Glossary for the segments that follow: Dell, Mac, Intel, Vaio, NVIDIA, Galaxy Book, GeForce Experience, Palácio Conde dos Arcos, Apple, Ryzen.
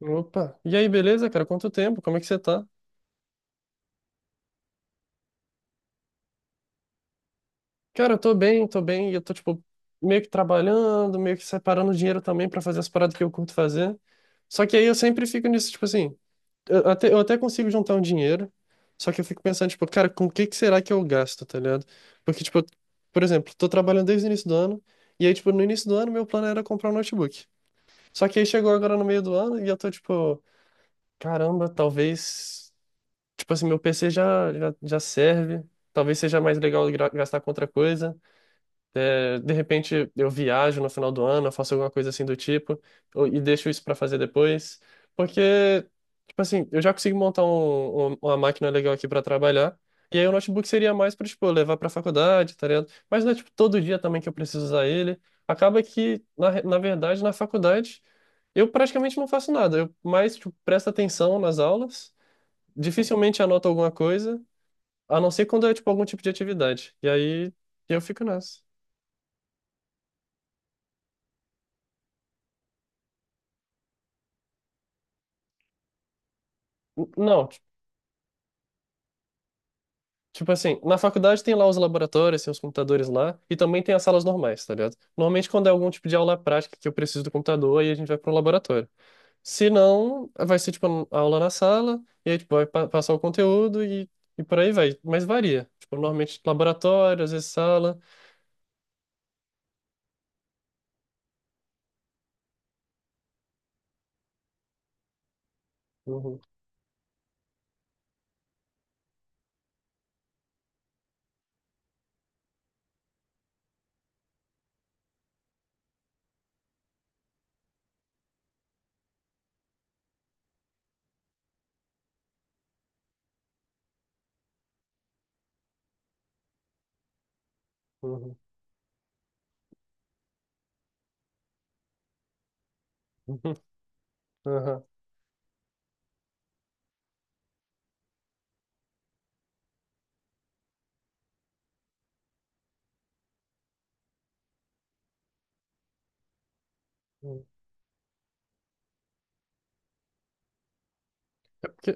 Opa, e aí, beleza, cara? Quanto tempo? Como é que você tá? Cara, eu tô bem, e eu tô, tipo, meio que trabalhando, meio que separando dinheiro também pra fazer as paradas que eu curto fazer. Só que aí eu sempre fico nisso, tipo assim, eu até consigo juntar um dinheiro, só que eu fico pensando, tipo, cara, com o que que será que eu gasto, tá ligado? Porque, tipo, por exemplo, tô trabalhando desde o início do ano, e aí, tipo, no início do ano meu plano era comprar um notebook. Só que aí chegou agora no meio do ano e eu tô, tipo, caramba, talvez. Tipo assim, meu PC já serve. Talvez seja mais legal gastar com outra coisa. É, de repente eu viajo no final do ano, eu faço alguma coisa assim do tipo, e deixo isso pra fazer depois. Porque, tipo assim, eu já consigo montar uma máquina legal aqui pra trabalhar. E aí o notebook seria mais pra, tipo, levar pra faculdade, tá ligado? Mas não é, tipo, todo dia também que eu preciso usar ele. Acaba que, na verdade, na faculdade, eu praticamente não faço nada. Eu mais, tipo, presto atenção nas aulas, dificilmente anoto alguma coisa, a não ser quando é tipo algum tipo de atividade. E aí eu fico nessa. Não, tipo assim, na faculdade tem lá os laboratórios, tem os computadores lá, e também tem as salas normais, tá ligado? Normalmente quando é algum tipo de aula prática que eu preciso do computador, aí a gente vai pro laboratório. Se não, vai ser tipo a aula na sala, e aí tipo, vai passar o conteúdo e por aí vai. Mas varia. Tipo, normalmente laboratório, às vezes sala. Uhum, uhum, uhum, aham. É porque,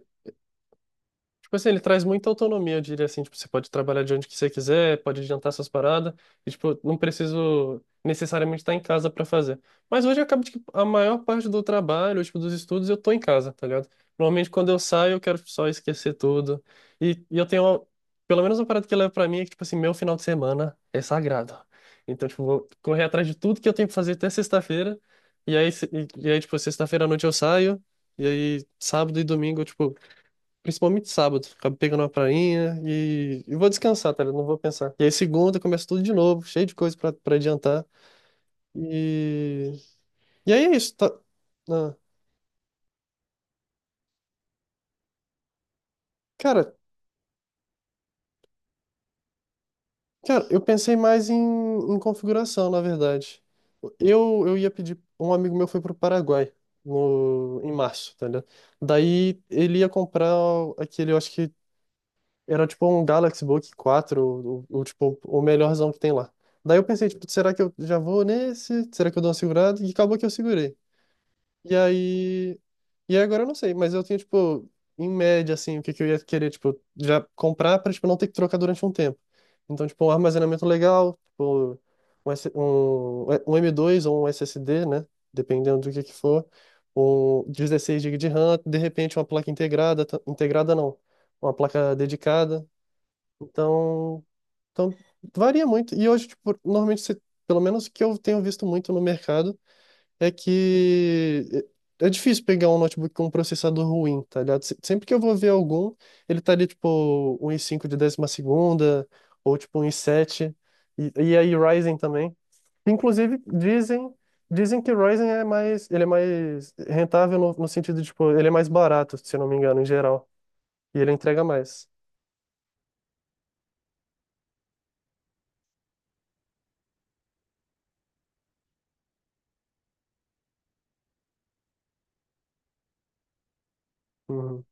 tipo assim, ele traz muita autonomia, eu diria assim, tipo, você pode trabalhar de onde que você quiser, pode adiantar suas paradas, e tipo, não preciso necessariamente estar em casa para fazer. Mas hoje acaba de que a maior parte do trabalho, tipo, dos estudos, eu tô em casa, tá ligado? Normalmente quando eu saio, eu quero tipo, só esquecer tudo. E eu tenho, pelo menos uma parada que eu levo pra mim é que, tipo assim, meu final de semana é sagrado. Então, tipo, vou correr atrás de tudo que eu tenho que fazer até sexta-feira, e aí, se- e aí, tipo, sexta-feira à noite eu saio, e aí sábado e domingo, eu, tipo, principalmente sábado, acabo pegando uma prainha e vou descansar, tá ligado? Não vou pensar. E aí segunda começa tudo de novo, cheio de coisa pra adiantar. E, e aí é isso, tá? Ah, cara, cara, eu pensei mais em, em configuração, na verdade. Eu ia pedir, um amigo meu foi pro Paraguai no, em março, tá ligado? Daí ele ia comprar aquele, eu acho que era tipo um Galaxy Book 4 tipo, o melhorzão que tem lá. Daí eu pensei, tipo, será que eu já vou nesse? Será que eu dou uma segurada? E acabou que eu segurei. E aí. E aí agora eu não sei, mas eu tenho, tipo, em média, assim, o que que eu ia querer, tipo, já comprar pra, tipo, não ter que trocar durante um tempo. Então, tipo, um armazenamento legal, tipo, um M.2 ou um SSD, né? Dependendo do que for. Um 16 GB de RAM, de repente uma placa integrada, integrada não, uma placa dedicada. Então, então varia muito. E hoje, tipo, normalmente, pelo menos o que eu tenho visto muito no mercado, é que é difícil pegar um notebook com um processador ruim, tá ligado? Sempre que eu vou ver algum, ele tá ali, tipo, um i5 de décima segunda, ou tipo um i7 e aí Ryzen também. Inclusive, dizem que Ryzen é mais, ele é mais rentável no sentido de, tipo, ele é mais barato, se eu não me engano, em geral. E ele entrega mais. Uhum,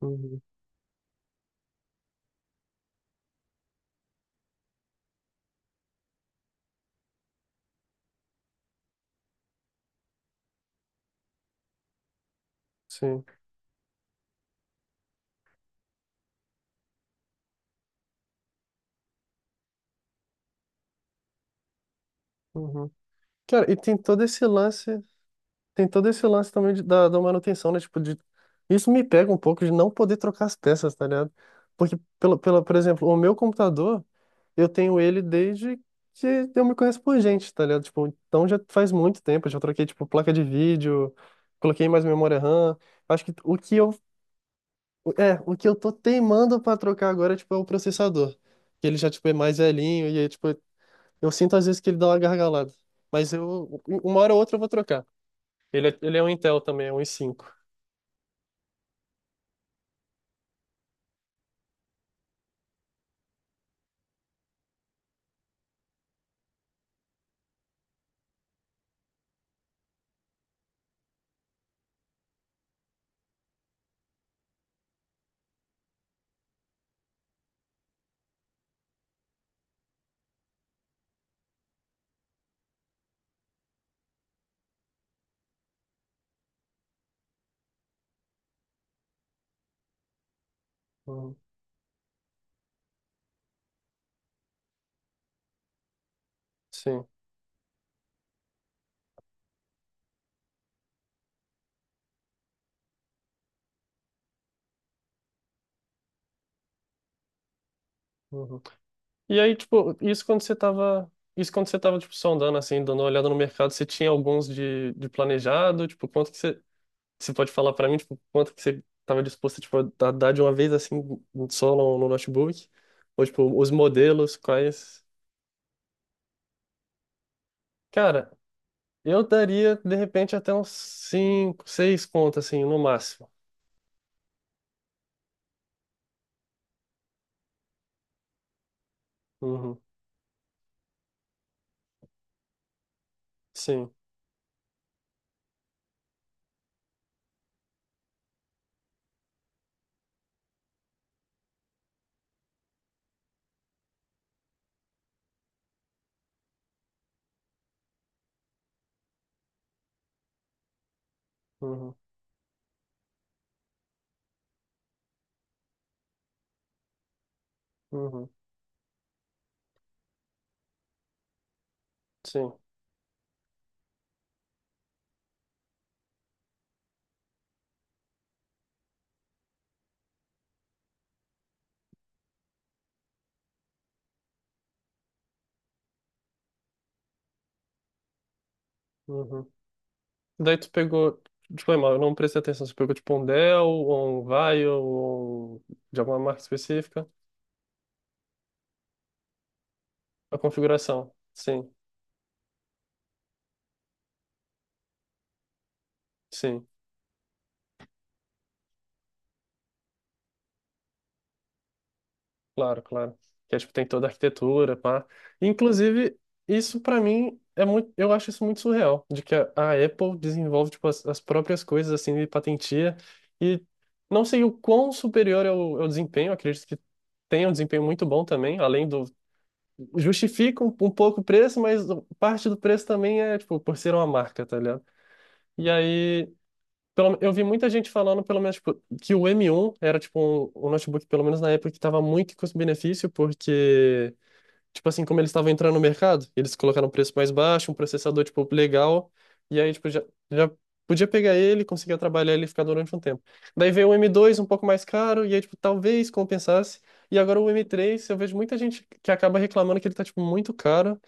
uhum, sim. Uhum. Cara, e tem todo esse lance, também da manutenção, né? Tipo, de, isso me pega um pouco de não poder trocar as peças, tá ligado? Porque, por exemplo, o meu computador, eu tenho ele desde que eu me conheço por gente, tá ligado? Tipo, então já faz muito tempo, eu já troquei, tipo, placa de vídeo, coloquei mais memória RAM. Acho que o que eu tô teimando pra trocar agora, tipo, é o processador. Que ele já, tipo, é mais velhinho e aí, tipo, eu sinto às vezes que ele dá uma gargalada. Mas eu, uma hora ou outra eu vou trocar. Ele é um Intel também, é um i5. Uhum. Sim. Uhum. E aí, tipo, isso quando você tava, tipo, sondando, assim, dando uma olhada no mercado, você tinha alguns de planejado? Tipo, você pode falar pra mim, tipo, quanto que você tava disposto, tipo, a dar de uma vez, assim, só no notebook? Ou, tipo, os modelos, quais... Cara, eu daria, de repente, até uns 5, 6 contas, assim, no máximo. Uhum. Sim. Uhum, uhum, sim. Uhum. Daí tu pegou, tipo, é mal, eu não prestei atenção, tu pegou tipo um Dell, ou um Vaio, ou de alguma marca específica, a configuração. Sim, sim, claro, claro. Que é, tipo, tem toda a arquitetura, pá. Inclusive, isso pra mim é muito, eu acho isso muito surreal, de que a Apple desenvolve tipo as próprias coisas assim e patentia e não sei o quão superior é o desempenho, acredito que tem um desempenho muito bom também, além do justifica um pouco o preço, mas parte do preço também é, tipo, por ser uma marca, tá ligado? E aí, pelo, eu vi muita gente falando, pelo menos, tipo, que o M1 era, tipo, um notebook, pelo menos na época, que tava muito em custo-benefício, porque tipo assim, como eles estavam entrando no mercado, eles colocaram um preço mais baixo, um processador, tipo, legal. E aí, tipo, já podia pegar ele, conseguia trabalhar ele e ficar durante um tempo. Daí veio o M2 um pouco mais caro, e aí, tipo, talvez compensasse. E agora o M3 eu vejo muita gente que acaba reclamando que ele tá, tipo, muito caro,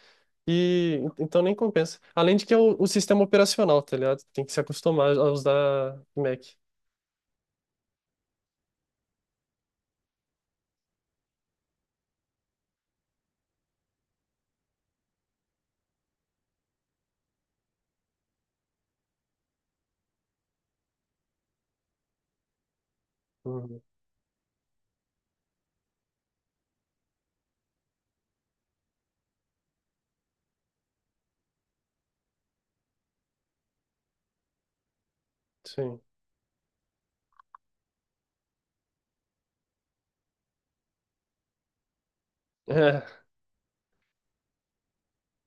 e então nem compensa. Além de que é o sistema operacional, tá ligado? Tem que se acostumar a usar Mac. Uhum, sim. É.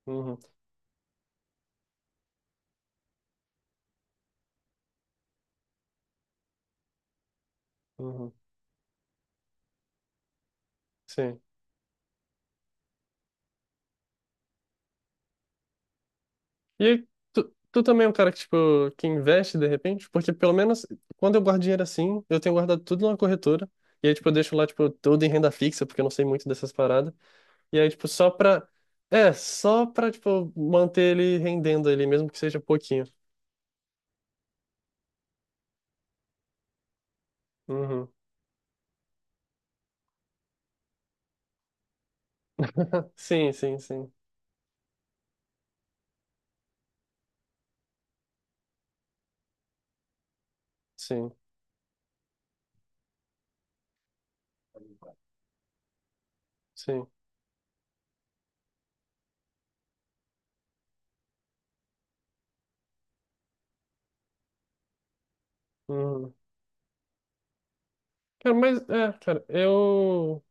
Uhum, uhum, sim. E aí, tu também é um cara que, tipo, que investe de repente? Porque pelo menos quando eu guardo dinheiro assim, eu tenho guardado tudo numa corretora. E aí, tipo, eu deixo lá, tipo, tudo em renda fixa, porque eu não sei muito dessas paradas. E aí, tipo, só pra. É, só pra, tipo, manter ele rendendo ali, mesmo que seja pouquinho. Uhum. Sim, sim, sim. Sim, sim. Uhum. Cara, mas, é, cara, eu.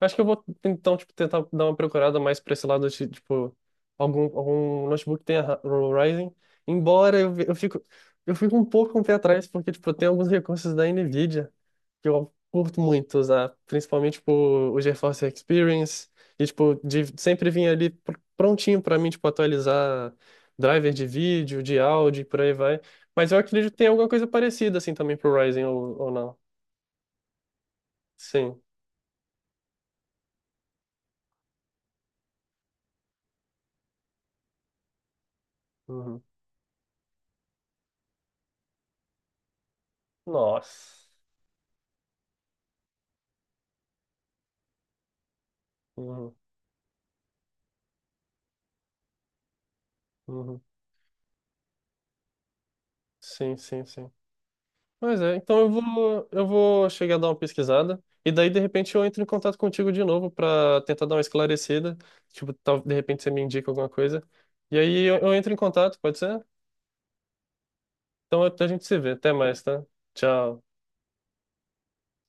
Acho que eu vou então, tipo, tentar dar uma procurada mais pra esse lado de, tipo, algum notebook que tenha Ryzen. Embora eu, eu fico um pouco com o pé atrás, porque, tipo, tem alguns recursos da NVIDIA que eu curto muito usar, principalmente, tipo, o GeForce Experience, e, tipo, de, sempre vinha ali prontinho pra mim, tipo, atualizar driver de vídeo, de áudio e por aí vai. Mas eu acredito que tem alguma coisa parecida, assim, também pro Ryzen ou não. Sim. Uhum. Nossa. Uhum. Uhum. Sim, sim, sim. Mas é, então eu vou chegar a dar uma pesquisada e daí de repente eu entro em contato contigo de novo para tentar dar uma esclarecida, tipo, tal, de repente você me indica alguma coisa. E aí eu entro em contato, pode ser? Então a gente se vê. Até mais, tá? Tchau.